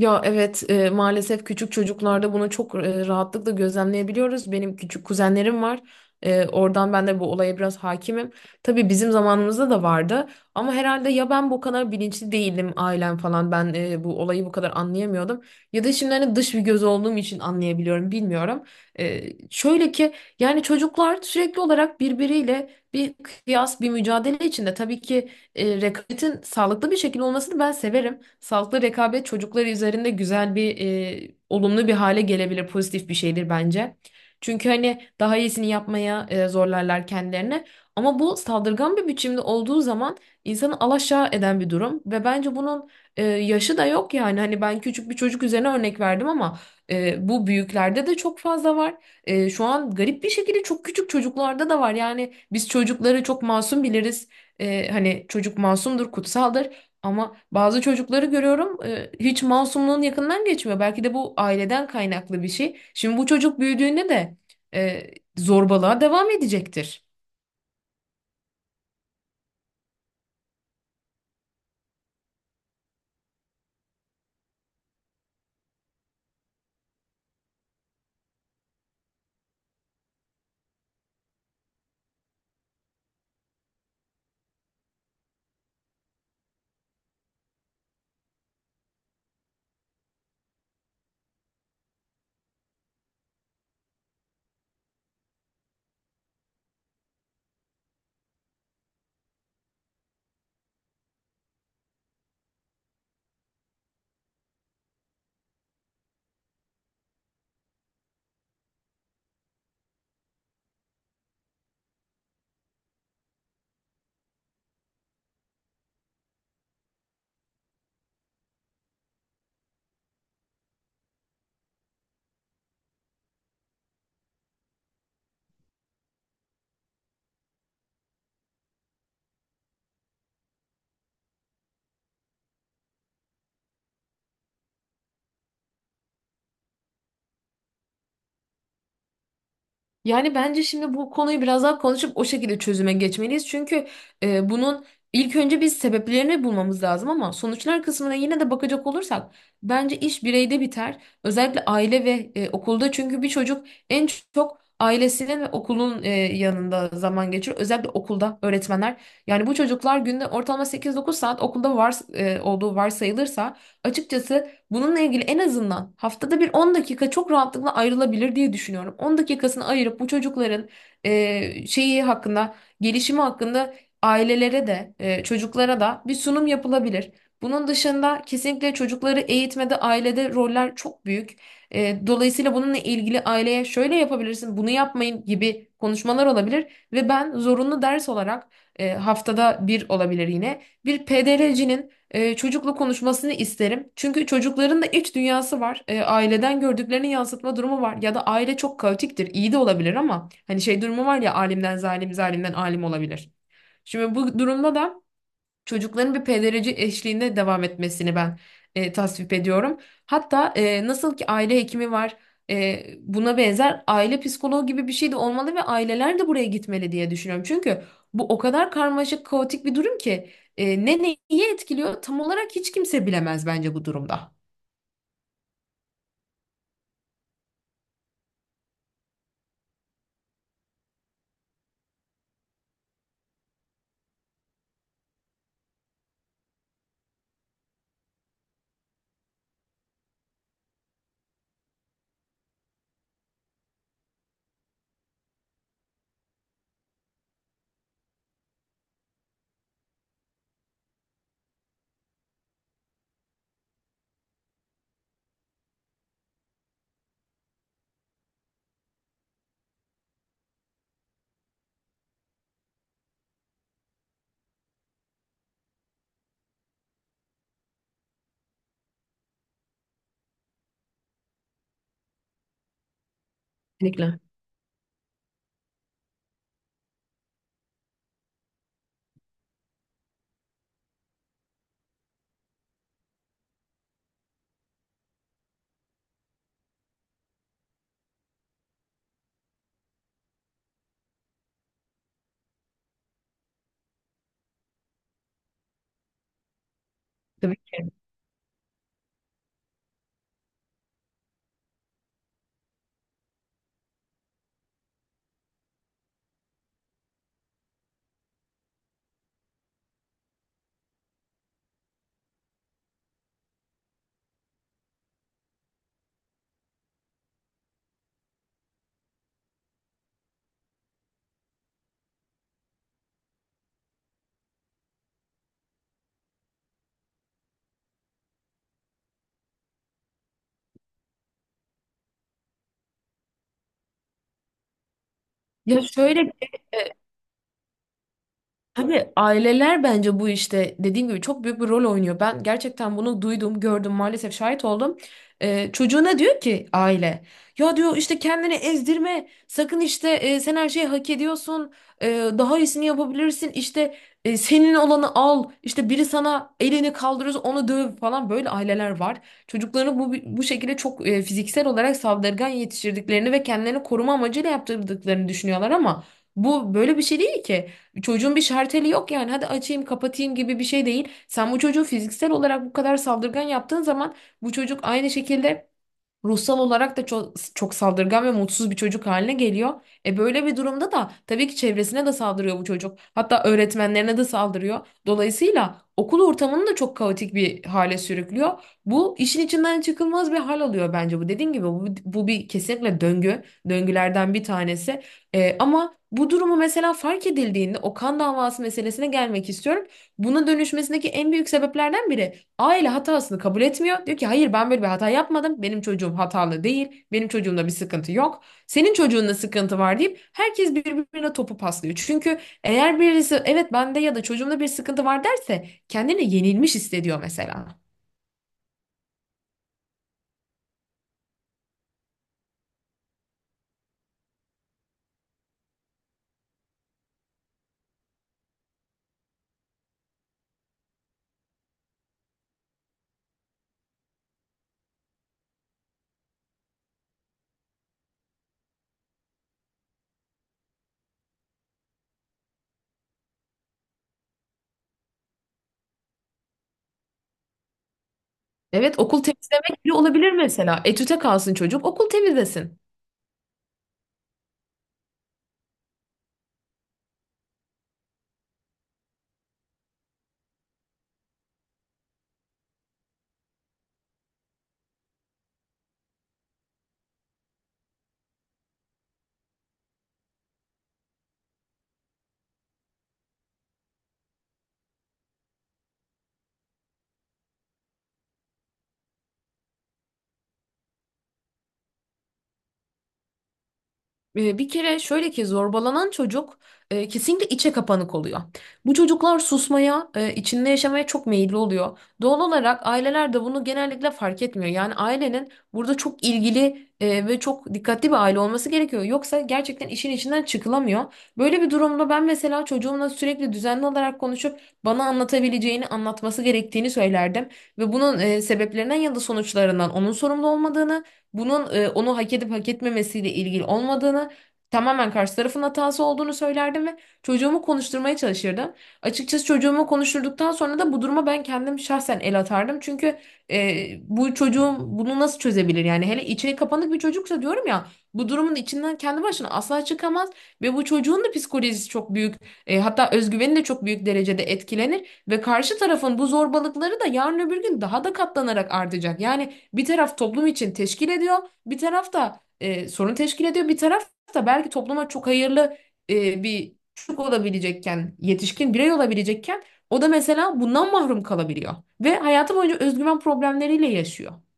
Ya evet maalesef küçük çocuklarda bunu çok rahatlıkla gözlemleyebiliyoruz. Benim küçük kuzenlerim var. Oradan ben de bu olaya biraz hakimim. Tabii bizim zamanımızda da vardı. Ama herhalde ya ben bu kadar bilinçli değilim ailem falan. Ben bu olayı bu kadar anlayamıyordum. Ya da şimdi hani dış bir göz olduğum için anlayabiliyorum bilmiyorum. E, Şöyle ki yani çocuklar sürekli olarak birbiriyle bir kıyas bir mücadele içinde. Tabii ki rekabetin sağlıklı bir şekilde olmasını ben severim. Sağlıklı rekabet çocukları üzerinde güzel bir olumlu bir hale gelebilir, pozitif bir şeydir bence. Çünkü hani daha iyisini yapmaya zorlarlar kendilerini. Ama bu saldırgan bir biçimde olduğu zaman insanı alaşağı eden bir durum ve bence bunun yaşı da yok yani. Hani ben küçük bir çocuk üzerine örnek verdim ama bu büyüklerde de çok fazla var. Şu an garip bir şekilde çok küçük çocuklarda da var. Yani biz çocukları çok masum biliriz. Hani çocuk masumdur, kutsaldır ama bazı çocukları görüyorum hiç masumluğun yakından geçmiyor. Belki de bu aileden kaynaklı bir şey. Şimdi bu çocuk büyüdüğünde de e, zorbalığa devam edecektir. Yani bence şimdi bu konuyu biraz daha konuşup o şekilde çözüme geçmeliyiz. Çünkü bunun ilk önce biz sebeplerini bulmamız lazım ama sonuçlar kısmına yine de bakacak olursak bence iş bireyde biter. Özellikle aile ve okulda çünkü bir çocuk en çok ailesinin ve okulun yanında zaman geçirir. Özellikle okulda öğretmenler. Yani bu çocuklar günde ortalama 8-9 saat okulda var olduğu varsayılırsa açıkçası bununla ilgili en azından haftada bir 10 dakika çok rahatlıkla ayrılabilir diye düşünüyorum. 10 dakikasını ayırıp bu çocukların şeyi hakkında, gelişimi hakkında ailelere de, çocuklara da bir sunum yapılabilir. Bunun dışında kesinlikle çocukları eğitmede, ailede roller çok büyük. Dolayısıyla bununla ilgili aileye şöyle yapabilirsin, bunu yapmayın gibi konuşmalar olabilir ve ben zorunlu ders olarak haftada bir olabilir yine bir PDRC'nin çocukla konuşmasını isterim. Çünkü çocukların da iç dünyası var. Aileden gördüklerini yansıtma durumu var. Ya da aile çok kaotiktir. İyi de olabilir ama hani şey durumu var ya alimden zalim, zalimden alim olabilir. Şimdi bu durumda da çocukların bir pedagoji eşliğinde devam etmesini ben tasvip ediyorum. Hatta nasıl ki aile hekimi var, buna benzer aile psikoloğu gibi bir şey de olmalı ve aileler de buraya gitmeli diye düşünüyorum. Çünkü bu o kadar karmaşık, kaotik bir durum ki ne neyi etkiliyor tam olarak hiç kimse bilemez bence bu durumda. Kesinlikle. Tabii. Ya şöyle ki, tabii aileler bence bu işte dediğim gibi çok büyük bir rol oynuyor. Ben gerçekten bunu duydum, gördüm, maalesef şahit oldum. Çocuğuna diyor ki aile, ya diyor işte kendini ezdirme, sakın işte sen her şeyi hak ediyorsun, e, daha iyisini yapabilirsin, işte senin olanı al, işte biri sana elini kaldırır, onu döv falan böyle aileler var. Çocuklarını bu şekilde çok fiziksel olarak saldırgan yetiştirdiklerini ve kendilerini koruma amacıyla yaptırdıklarını düşünüyorlar ama bu böyle bir şey değil ki. Çocuğun bir şarteli yok yani hadi açayım kapatayım gibi bir şey değil. Sen bu çocuğu fiziksel olarak bu kadar saldırgan yaptığın zaman bu çocuk aynı şekilde ruhsal olarak da çok, çok saldırgan ve mutsuz bir çocuk haline geliyor. E böyle bir durumda da tabii ki çevresine de saldırıyor bu çocuk. Hatta öğretmenlerine de saldırıyor. Dolayısıyla okul ortamını da çok kaotik bir hale sürüklüyor. Bu işin içinden çıkılmaz bir hal alıyor bence bu. Dediğim gibi bu, bu bir kesinlikle döngü. Döngülerden bir tanesi. Ama bu durumu mesela fark edildiğinde o kan davası meselesine gelmek istiyorum. Buna dönüşmesindeki en büyük sebeplerden biri aile hatasını kabul etmiyor. Diyor ki hayır ben böyle bir hata yapmadım. Benim çocuğum hatalı değil. Benim çocuğumda bir sıkıntı yok. Senin çocuğunda sıkıntı var deyip herkes birbirine topu paslıyor. Çünkü eğer birisi evet bende ya da çocuğumda bir sıkıntı var derse kendini yenilmiş hissediyor mesela. Evet okul temizlemek bile olabilir mesela. Etüte kalsın çocuk okul temizlesin. Bir kere şöyle ki zorbalanan çocuk kesinlikle içe kapanık oluyor. Bu çocuklar susmaya, içinde yaşamaya çok meyilli oluyor. Doğal olarak aileler de bunu genellikle fark etmiyor. Yani ailenin burada çok ilgili ve çok dikkatli bir aile olması gerekiyor. Yoksa gerçekten işin içinden çıkılamıyor. Böyle bir durumda ben mesela çocuğumla sürekli düzenli olarak konuşup bana anlatabileceğini, anlatması gerektiğini söylerdim. Ve bunun sebeplerinden ya da sonuçlarından onun sorumlu olmadığını bunun onu hak edip hak etmemesiyle ilgili olmadığını, tamamen karşı tarafın hatası olduğunu söylerdim ve çocuğumu konuşturmaya çalışırdım. Açıkçası çocuğumu konuşturduktan sonra da bu duruma ben kendim şahsen el atardım. Çünkü bu çocuğum bunu nasıl çözebilir? Yani hele içe kapanık bir çocuksa diyorum ya bu durumun içinden kendi başına asla çıkamaz ve bu çocuğun da psikolojisi çok büyük hatta özgüveni de çok büyük derecede etkilenir ve karşı tarafın bu zorbalıkları da yarın öbür gün daha da katlanarak artacak. Yani bir taraf toplum için teşkil ediyor, bir taraf da sorun teşkil ediyor, bir taraf da belki topluma çok hayırlı bir çocuk olabilecekken, yetişkin birey olabilecekken o da mesela bundan mahrum kalabiliyor ve hayatı boyunca özgüven problemleriyle yaşıyor.